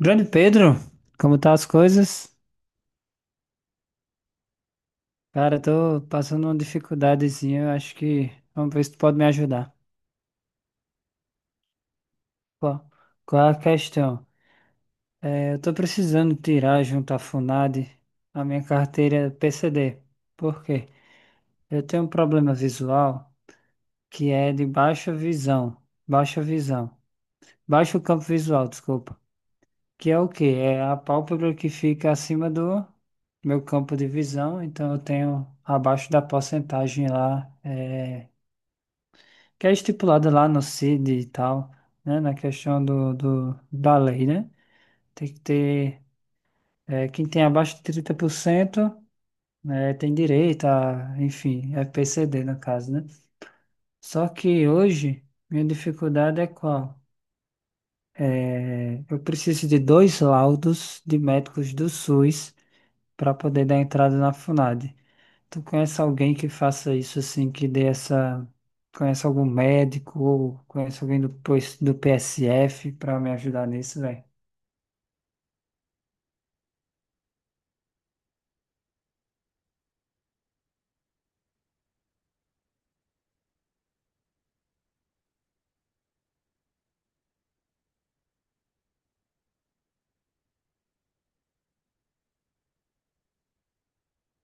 Grande Pedro, como tá as coisas? Cara, tô passando uma dificuldadezinha, eu acho que vamos ver se tu pode me ajudar. Qual, qual é a questão? Eu tô precisando tirar junto à FUNAD a minha carteira PCD. Por quê? Eu tenho um problema visual que é de baixa visão, baixo campo visual, desculpa. Que é o quê? É a pálpebra que fica acima do meu campo de visão, então eu tenho abaixo da porcentagem lá que é estipulada lá no CID e tal, né, na questão da lei, né? Tem que ter, quem tem abaixo de 30%, né, tem direito a, enfim, FPCD no caso, né? Só que hoje, minha dificuldade é qual? Eu preciso de dois laudos de médicos do SUS para poder dar entrada na FUNAD. Tu conhece alguém que faça isso assim, que dê essa. Conhece algum médico ou conhece alguém do PSF pra me ajudar nisso, velho?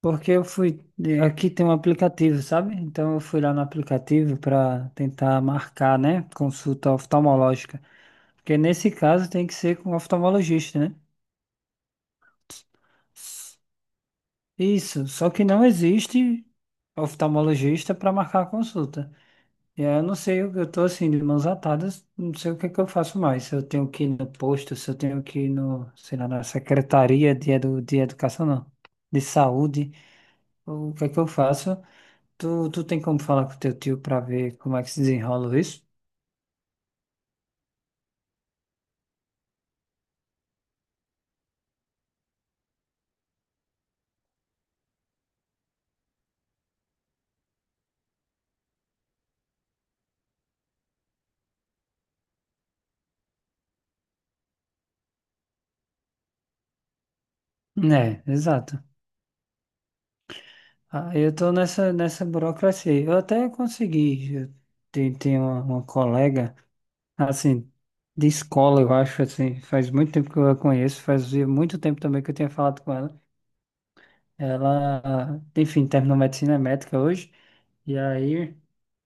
Porque eu fui. Aqui tem um aplicativo, sabe? Então eu fui lá no aplicativo pra tentar marcar, né? Consulta oftalmológica. Porque nesse caso tem que ser com um oftalmologista, né? Isso. Só que não existe oftalmologista para marcar a consulta. Eu não sei, eu tô assim, de mãos atadas, não sei o que é que eu faço mais. Se eu tenho que ir no posto, se eu tenho que ir no, sei lá, na Secretaria de Educação, não, de Saúde, o que é que eu faço? Tu tem como falar com teu tio pra ver como é que se desenrola isso? É, exato. Ah, eu tô nessa burocracia. Eu até consegui, eu tenho uma colega, assim, de escola, eu acho, assim, faz muito tempo que eu a conheço, fazia muito tempo também que eu tinha falado com ela. Ela, enfim, terminou medicina médica hoje. E aí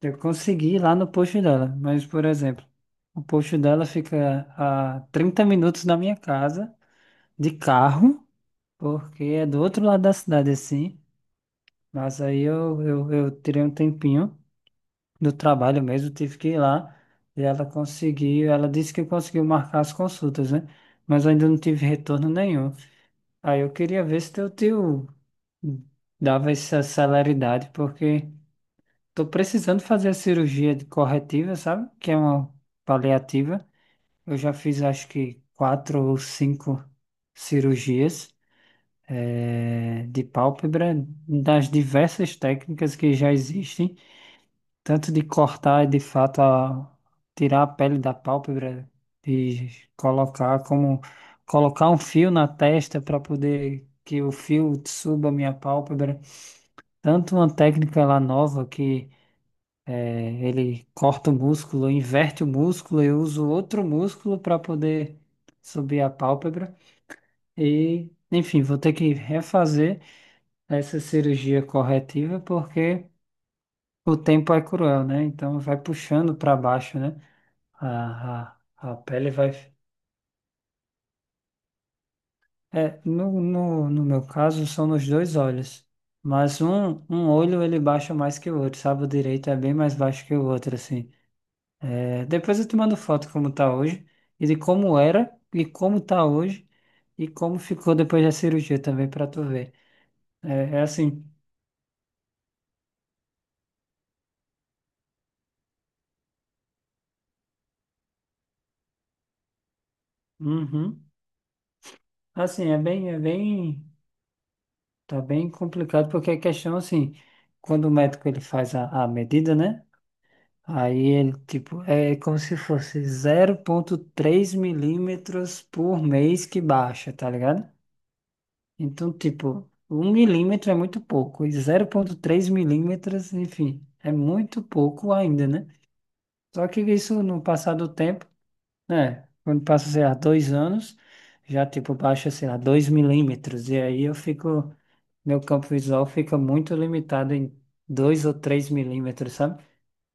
eu consegui ir lá no posto dela. Mas, por exemplo, o posto dela fica a 30 minutos da minha casa, de carro, porque é do outro lado da cidade, assim. Mas aí eu tirei um tempinho do trabalho mesmo, tive que ir lá. E ela conseguiu, ela disse que conseguiu marcar as consultas, né? Mas eu ainda não tive retorno nenhum. Aí eu queria ver se teu tio dava essa celeridade, porque tô precisando fazer a cirurgia de corretiva, sabe? Que é uma paliativa. Eu já fiz acho que quatro ou cinco cirurgias de pálpebra, das diversas técnicas que já existem, tanto de cortar de fato a, tirar a pele da pálpebra e colocar como colocar um fio na testa para poder que o fio suba a minha pálpebra, tanto uma técnica lá nova que ele corta o músculo, inverte o músculo, eu uso outro músculo para poder subir a pálpebra. E, enfim, vou ter que refazer essa cirurgia corretiva porque o tempo é cruel, né? Então vai puxando para baixo, né? A, a pele vai. No meu caso, são nos dois olhos. Mas um olho ele baixa mais que o outro, sabe? O direito é bem mais baixo que o outro, assim. Depois eu te mando foto como tá hoje, e de como era, e como tá hoje, e como ficou depois da cirurgia também pra tu ver. É, é, assim. Uhum. Assim, é bem, tá bem complicado, porque a questão, assim, quando o médico ele faz a medida, né? Aí ele, tipo, é como se fosse 0,3 milímetros por mês que baixa, tá ligado? Então, tipo, 1 milímetro é muito pouco, e 0,3 milímetros, enfim, é muito pouco ainda, né? Só que isso no passar do tempo, né? Quando passa, sei lá, 2 anos, já tipo baixa, sei lá, 2 milímetros, e aí eu fico, meu campo visual fica muito limitado em 2 ou 3 milímetros, sabe?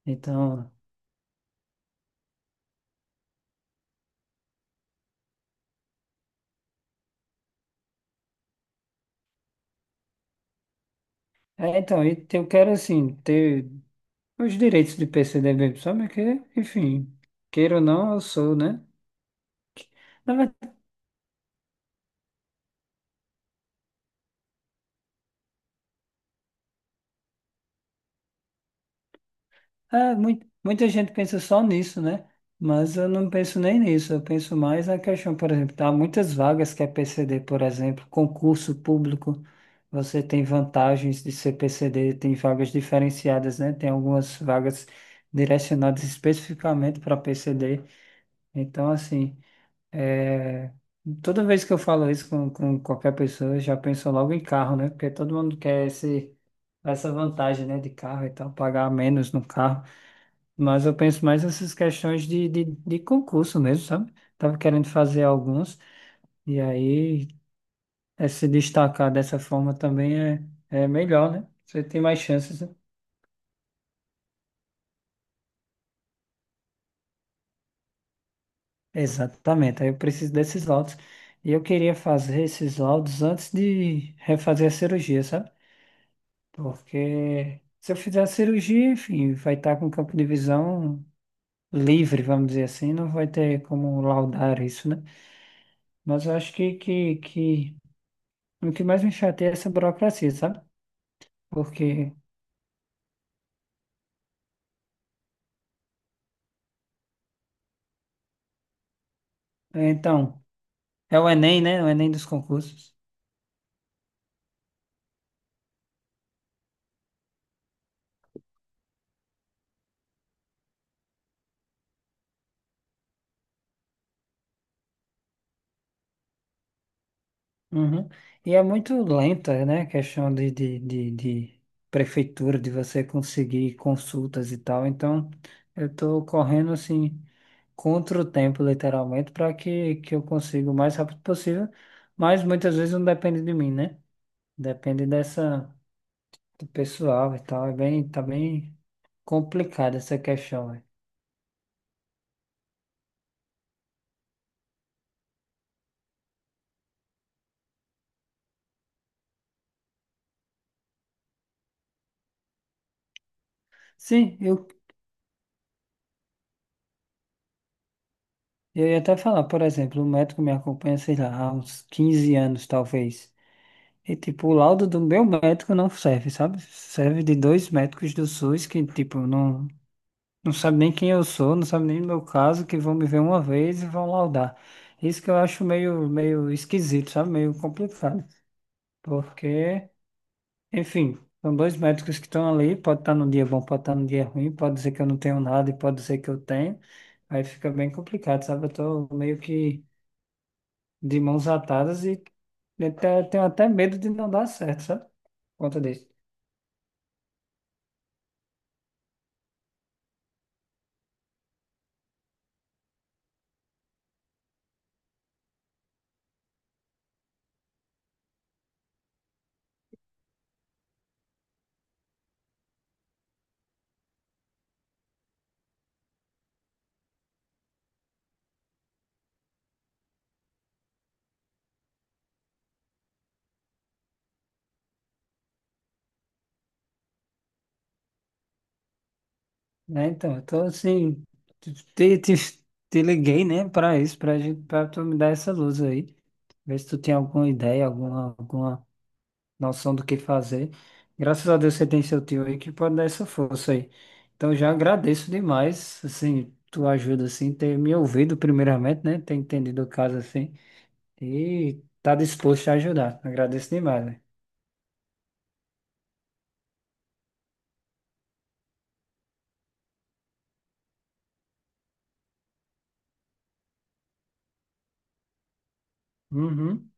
Então, então, e eu quero, assim, ter os direitos de PCDB, sabe? Que, enfim, queira ou não, eu sou, né? Na muita gente pensa só nisso, né? Mas eu não penso nem nisso. Eu penso mais na questão, por exemplo, há muitas vagas que é PCD, por exemplo, concurso público. Você tem vantagens de ser PCD, tem vagas diferenciadas, né? Tem algumas vagas direcionadas especificamente para PCD. Então, assim, é, toda vez que eu falo isso com qualquer pessoa, eu já penso logo em carro, né? Porque todo mundo quer essa vantagem, né, de carro e tal, pagar menos no carro. Mas eu penso mais nessas questões de concurso mesmo, sabe? Tava querendo fazer alguns, e aí se destacar dessa forma também é melhor, né? Você tem mais chances, né? Exatamente, aí eu preciso desses laudos. E eu queria fazer esses laudos antes de refazer a cirurgia, sabe? Porque se eu fizer a cirurgia, enfim, vai estar com o campo de visão livre, vamos dizer assim, não vai ter como laudar isso, né? Mas eu acho que o que mais me chateia é essa burocracia, sabe? Porque, então, é o Enem, né? O Enem dos concursos. Uhum. E é muito lenta, né? A questão de prefeitura, de você conseguir consultas e tal. Então, eu tô correndo, assim, contra o tempo, literalmente, para que eu consiga o mais rápido possível. Mas muitas vezes não depende de mim, né? Depende dessa, do pessoal e tal. É bem, tá bem complicada essa questão, né? Sim, eu ia até falar, por exemplo, o médico me acompanha, sei lá, há uns 15 anos, talvez. E, tipo, o laudo do meu médico não serve, sabe? Serve de dois médicos do SUS que, tipo, não sabe nem quem eu sou, não sabe nem o meu caso, que vão me ver uma vez e vão laudar. Isso que eu acho meio, meio esquisito, sabe? Meio complicado. Porque, enfim, são dois médicos que estão ali, pode estar num dia bom, pode estar num dia ruim, pode ser que eu não tenho nada e pode ser que eu tenho. Aí fica bem complicado, sabe? Eu tô meio que de mãos atadas e tenho até medo de não dar certo, sabe? Por conta disso. Né? Então, eu tô assim, te, te, te liguei, né, para isso, para tu me dar essa luz aí. Ver se tu tem alguma ideia, alguma noção do que fazer. Graças a Deus você tem seu tio aí que pode dar essa força aí. Então, já agradeço demais, assim, tua ajuda, assim, ter me ouvido primeiramente, né, ter entendido o caso, assim, e tá disposto a ajudar. Agradeço demais, né? Uhum.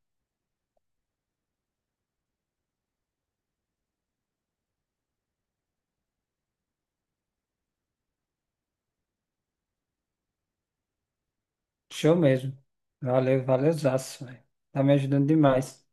Show mesmo. Valeu, valeu, zaço, velho. Tá me ajudando demais.